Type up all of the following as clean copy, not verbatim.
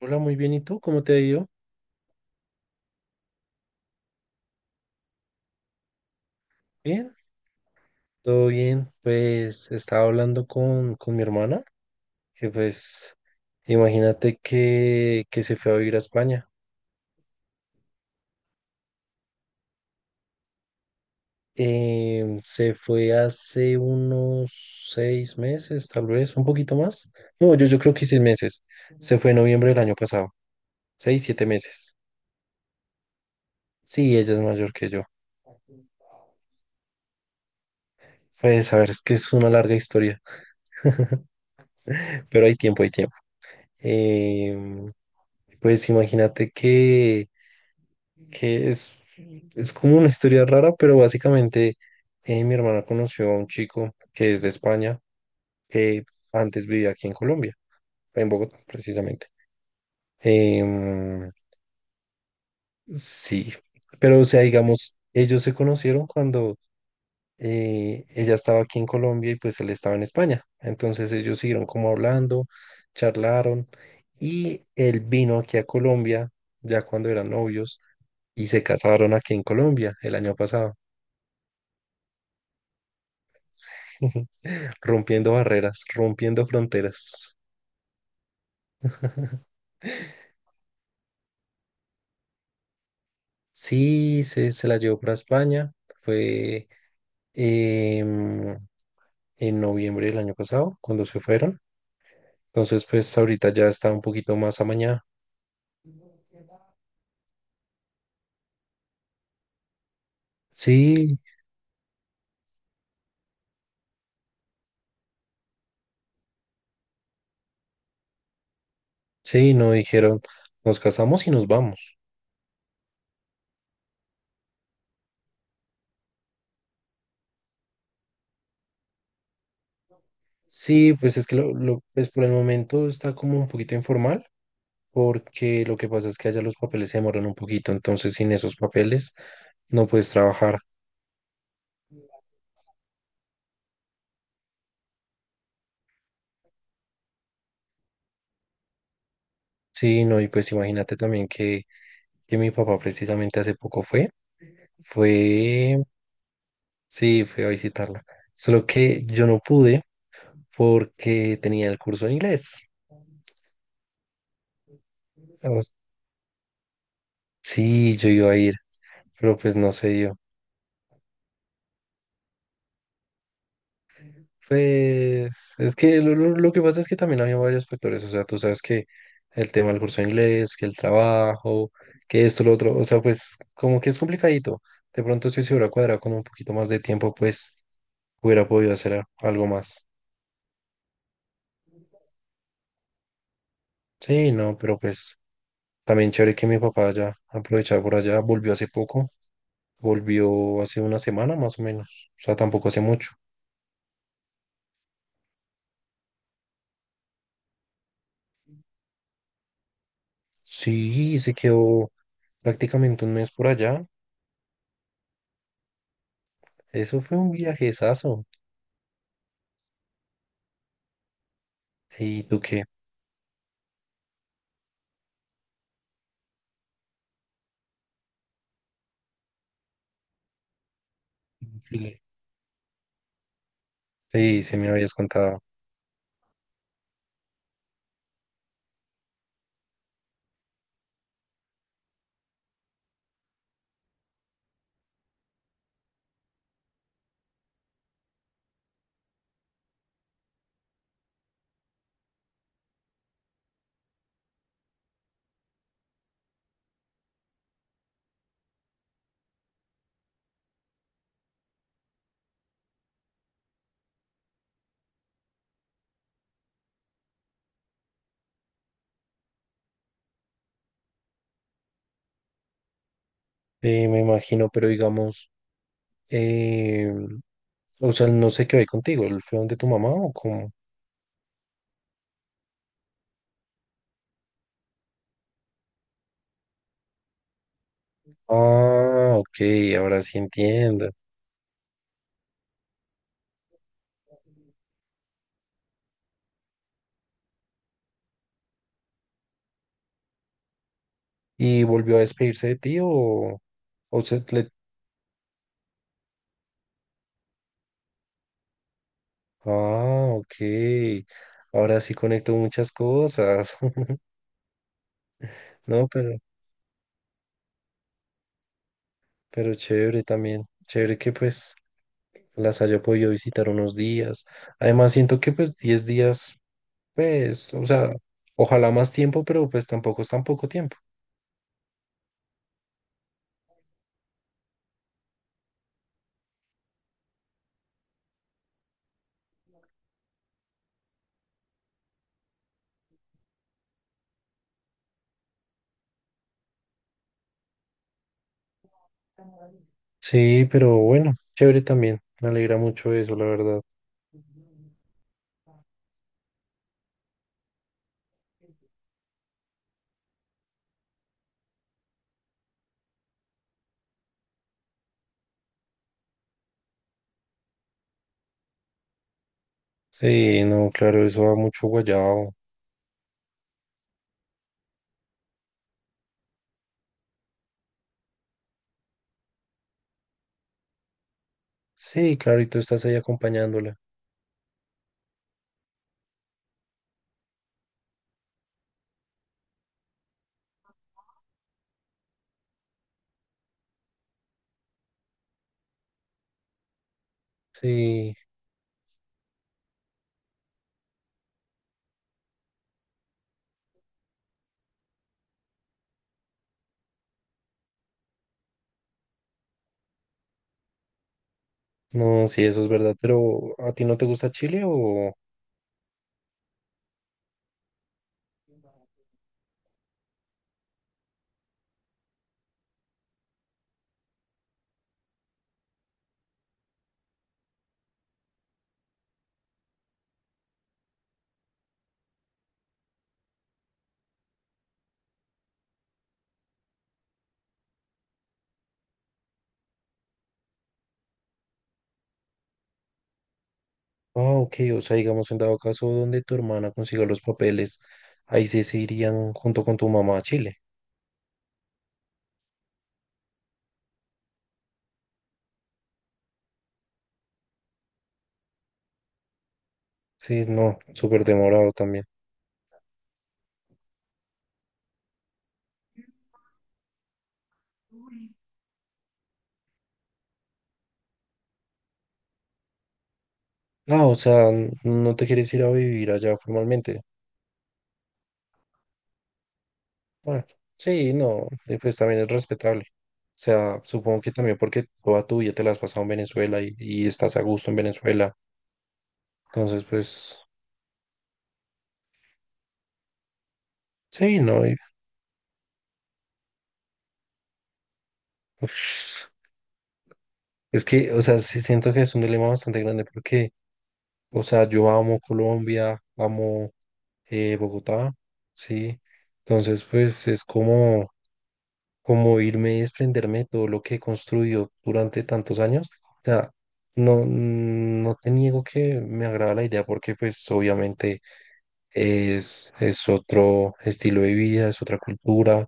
Hola, muy bien. ¿Y tú? ¿Cómo te ha ido? Bien, todo bien. Pues estaba hablando con mi hermana, que pues imagínate que se fue a vivir a España. Se fue hace unos 6 meses, tal vez, un poquito más. No, yo creo que 6 meses. Se fue en noviembre del año pasado. 6, 7 meses. Sí, ella es mayor que yo. Pues a ver, es que es una larga historia, pero hay tiempo, hay tiempo. Em, pues imagínate que que es, es como una historia rara, pero básicamente mi hermana conoció a un chico que es de España, que antes vivía aquí en Colombia, en Bogotá, precisamente. Em, sí, pero o sea, digamos, ellos se conocieron cuando ella estaba aquí en Colombia y pues él estaba en España. Entonces ellos siguieron como hablando, charlaron y él vino aquí a Colombia ya cuando eran novios y se casaron aquí en Colombia el año pasado. Rompiendo barreras, rompiendo fronteras. Sí, se la llevó para España. Fue em, en noviembre del año pasado, cuando se fueron. Entonces, pues ahorita ya está un poquito más amañada. Sí, sí, no dijeron, nos casamos y nos vamos. Sí, pues es que pues por el momento está como un poquito informal, porque lo que pasa es que allá los papeles se demoran un poquito, entonces sin esos papeles no puedes trabajar. Sí, no, y pues imagínate también que mi papá precisamente hace poco fue, sí, fue a visitarla. Solo que yo no pude porque tenía el curso de inglés. O s- sí, yo iba a ir, pero pues no se dio. Pues es que lo que pasa es que también había varios factores. O sea, tú sabes que el tema del curso de inglés, que el trabajo, que esto, lo otro. O sea, pues como que es complicadito. De pronto si se hubiera cuadrado con un poquito más de tiempo, pues hubiera podido hacer algo más. Sí, no, pero pues. También chévere que mi papá ya aprovechaba por allá, volvió hace poco, volvió hace una semana más o menos, o sea, tampoco hace mucho. Sí, se quedó prácticamente un mes por allá. Eso fue un viajezazo. Sí, ¿tú qué? Chile. Sí, se me habías contado. Sí, me imagino, pero digamos, eh, o sea, no sé qué hay contigo, ¿él fue donde tu mamá o cómo? Ah, ok, ahora sí entiendo. ¿Y volvió a despedirse de ti o se, le Ah, ok. Ahora sí conecto muchas cosas. No, pero chévere también. Chévere que pues las haya podido visitar unos días. Además, siento que pues 10 días, pues, o sea, ojalá más tiempo, pero pues tampoco es tan poco tiempo. Sí, pero bueno, chévere también. Me alegra mucho eso, la verdad. Sí, no, claro, eso da mucho guayao. Sí, claro, y tú estás ahí acompañándola. Sí, no, sí, eso es verdad. Pero, ¿a ti no te gusta Chile o? Ah, ok, o sea, digamos, en dado caso donde tu hermana consiga los papeles, ahí sí se irían junto con tu mamá a Chile. Sí, no, súper demorado también. Ah, o sea, no te quieres ir a vivir allá formalmente. Bueno, sí, no, y pues también es respetable. O sea, supongo que también porque toda tu vida te la has pasado en Venezuela y estás a gusto en Venezuela. Entonces, pues, sí, no, uf, es que, o sea, sí siento que es un dilema bastante grande porque, o sea, yo amo Colombia, amo. Bogotá, sí. Entonces, pues es como irme y desprenderme de todo lo que he construido durante tantos años. O sea, no, no te niego que me agrada la idea porque pues obviamente es otro estilo de vida, es otra cultura,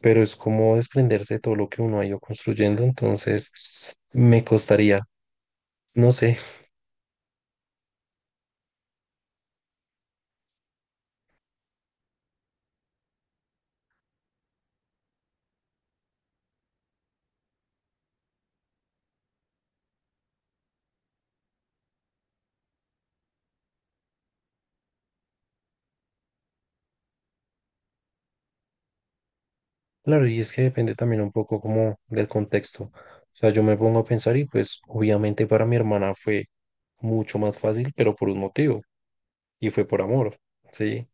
pero es como desprenderse de todo lo que uno ha ido construyendo. Entonces, me costaría, no sé. Claro, y es que depende también un poco como del contexto. O sea, yo me pongo a pensar y pues obviamente para mi hermana fue mucho más fácil, pero por un motivo, y fue por amor, ¿sí?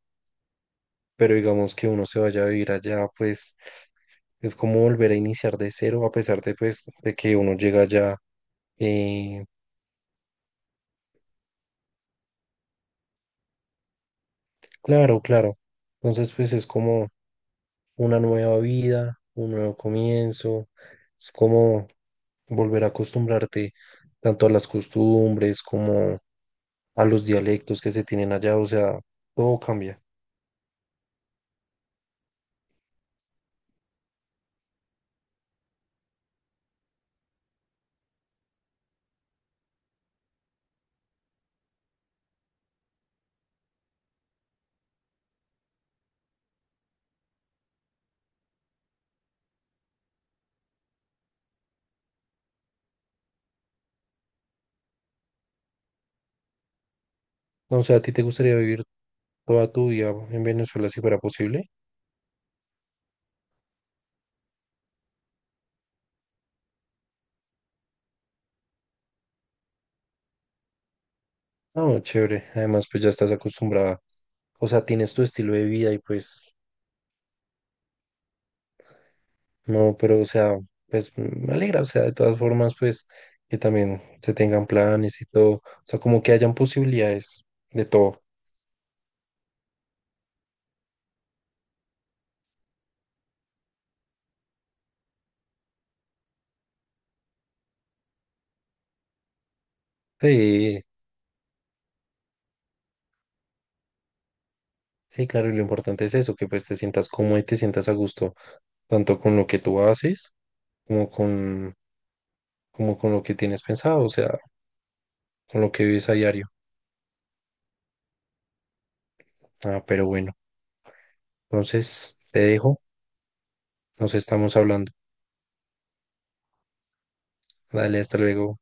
Pero digamos que uno se vaya a vivir allá, pues es como volver a iniciar de cero, a pesar de pues de que uno llega allá eh, Claro, claro. Entonces, pues es como una nueva vida, un nuevo comienzo, es como volver a acostumbrarte tanto a las costumbres como a los dialectos que se tienen allá, o sea, todo cambia. No, o sea, ¿a ti te gustaría vivir toda tu vida en Venezuela si fuera posible? No, chévere. Además, pues ya estás acostumbrada, o sea, tienes tu estilo de vida y pues no, pero o sea, pues me alegra, o sea, de todas formas, pues que también se tengan planes y todo, o sea, como que hayan posibilidades de todo. Sí, sí, claro, y lo importante es eso, que pues te sientas cómodo y te sientas a gusto, tanto con lo que tú haces como como con lo que tienes pensado, o sea, con lo que vives a diario. Ah, pero bueno, entonces te dejo, nos estamos hablando. Dale, hasta luego.